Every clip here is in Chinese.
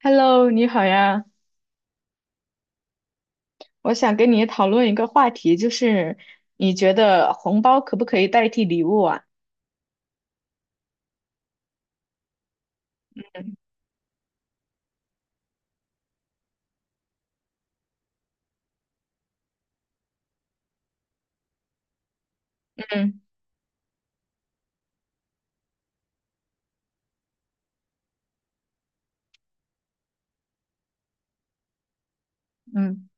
Hello，你好呀，我想跟你讨论一个话题，就是你觉得红包可不可以代替礼物啊？嗯嗯，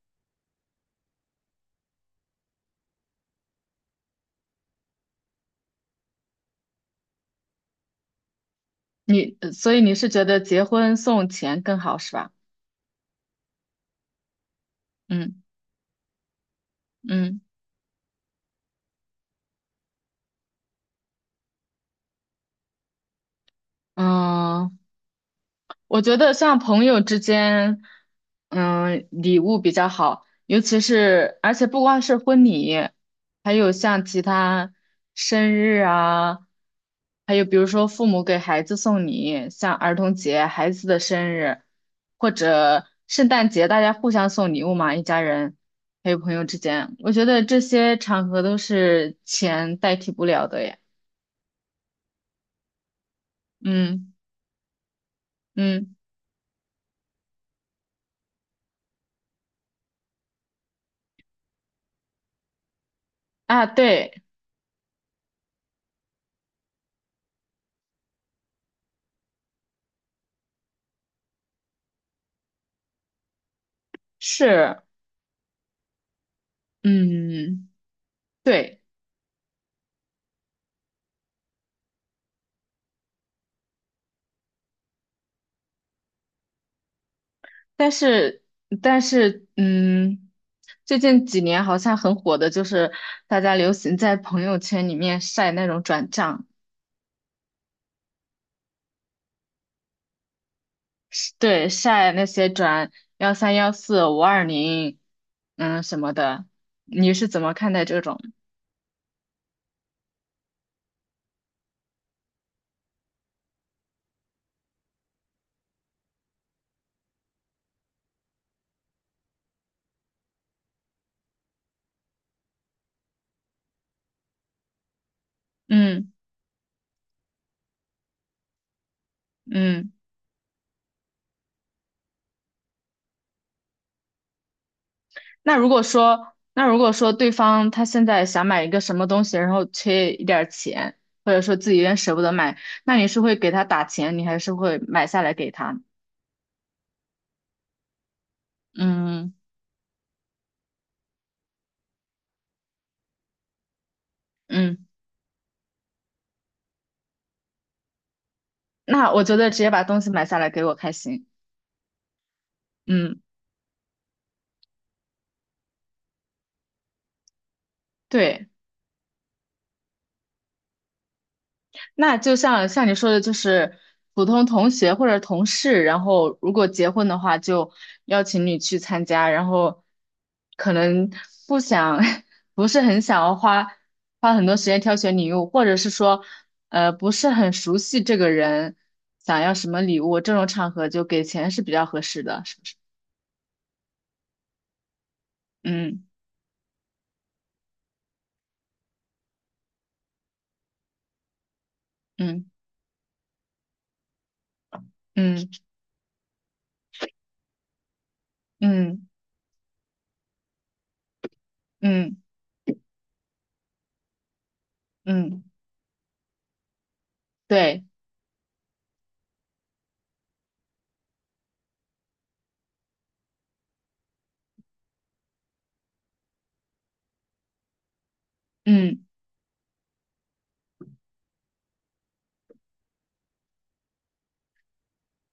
所以你是觉得结婚送钱更好是吧？嗯嗯嗯，我觉得像朋友之间，礼物比较好，尤其是，而且不光是婚礼，还有像其他生日啊，还有比如说父母给孩子送礼，像儿童节、孩子的生日，或者圣诞节，大家互相送礼物嘛，一家人，还有朋友之间，我觉得这些场合都是钱代替不了的耶。嗯嗯啊，对，是，嗯，对。但是，但是，最近几年好像很火的就是大家流行在朋友圈里面晒那种转账，是对，晒那些转1314520，什么的。你是怎么看待这种？嗯嗯，那如果说对方他现在想买一个什么东西，然后缺一点儿钱，或者说自己有点舍不得买，那你是会给他打钱，你还是会买下来给他？嗯嗯。那我觉得直接把东西买下来给我开心。嗯，对。那就像你说的，就是普通同学或者同事，然后如果结婚的话，就邀请你去参加，然后可能不想，不是很想要花很多时间挑选礼物，或者是说，不是很熟悉这个人，想要什么礼物，这种场合就给钱是比较合适的，是不是？嗯嗯嗯嗯嗯嗯，对，嗯。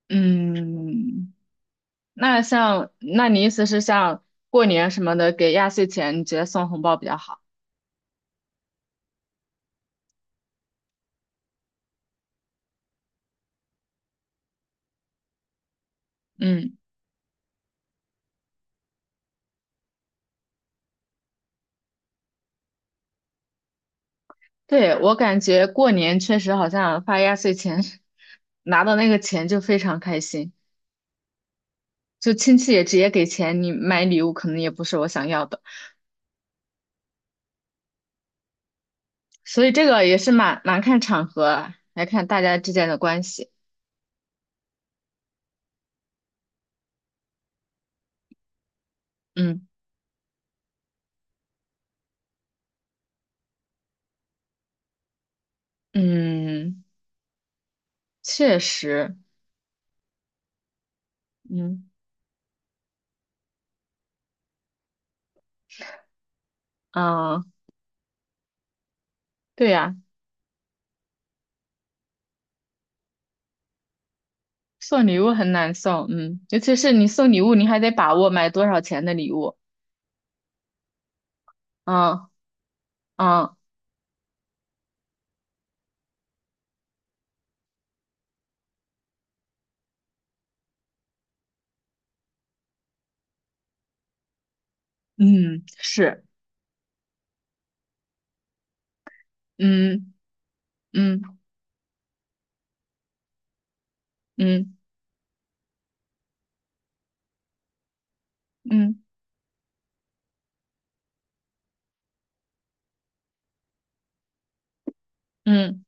嗯，那你意思是像过年什么的给压岁钱，你觉得送红包比较好？嗯，对，我感觉过年确实好像发压岁钱，拿到那个钱就非常开心，就亲戚也直接给钱，你买礼物可能也不是我想要的，所以这个也是蛮看场合啊，来看大家之间的关系。嗯嗯，确实，嗯啊，对呀、送礼物很难送，嗯，尤其是你送礼物，你还得把握买多少钱的礼物，嗯嗯嗯，是，嗯嗯嗯嗯嗯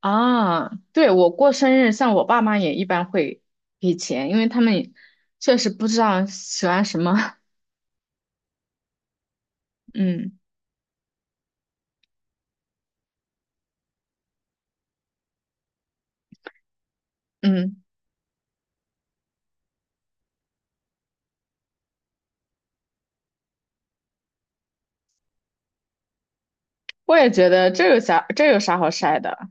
啊，对，我过生日，像我爸妈也一般会给钱，因为他们也确实不知道喜欢什么，嗯嗯，我也觉得这有啥好晒的，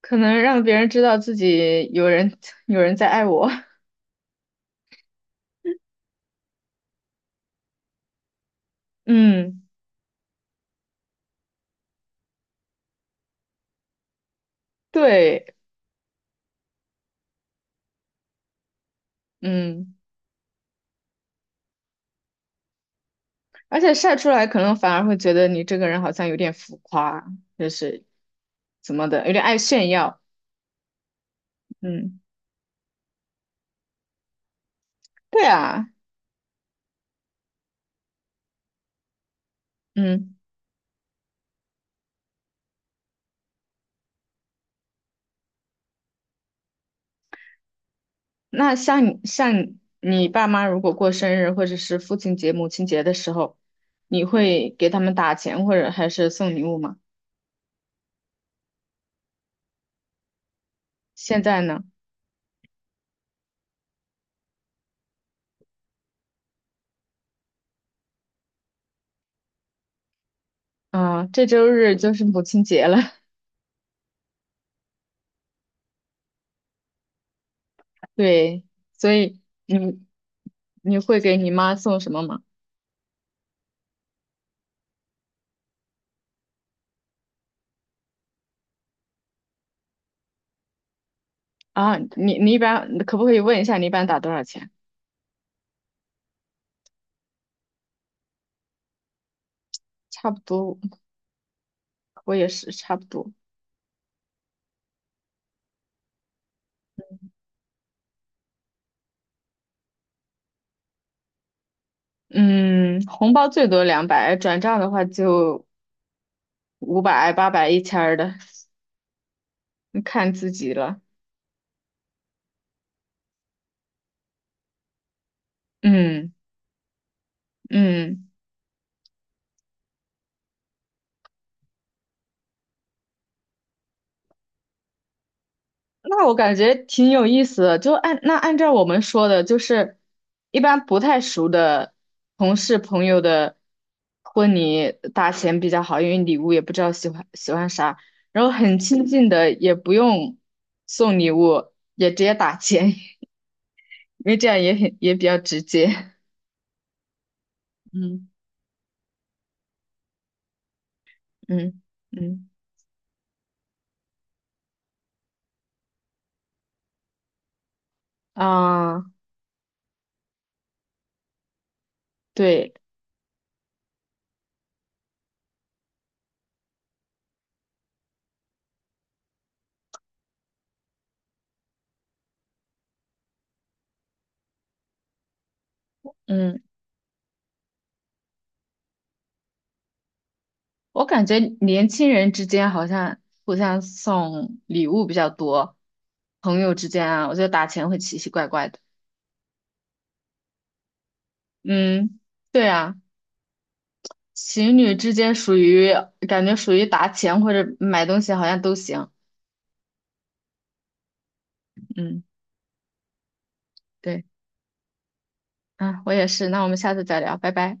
可能让别人知道自己有人 有人在爱我，嗯，对，嗯。而且晒出来可能反而会觉得你这个人好像有点浮夸，就是怎么的，有点爱炫耀。嗯，对啊，嗯，那像你像你爸妈如果过生日或者是父亲节、母亲节的时候，你会给他们打钱或者还是送礼物吗？现在呢？啊，这周日就是母亲节了，对，所以你你会给你妈送什么吗？啊，你一般可不可以问一下你一般打多少钱？差不多，我也是差不多。嗯，红包最多200，转账的话就500、800、1000的，看自己了。嗯嗯，那我感觉挺有意思的。就按照我们说的，就是一般不太熟的同事朋友的婚礼打钱比较好，因为礼物也不知道喜欢啥，然后很亲近的也不用送礼物，也直接打钱，因为这样也比较直接。嗯。嗯嗯啊，对，嗯，我感觉年轻人之间好像互相送礼物比较多，朋友之间啊，我觉得打钱会奇奇怪怪的。嗯，对啊，情侣之间感觉属于打钱或者买东西好像都行。嗯，对，啊，我也是，那我们下次再聊，拜拜。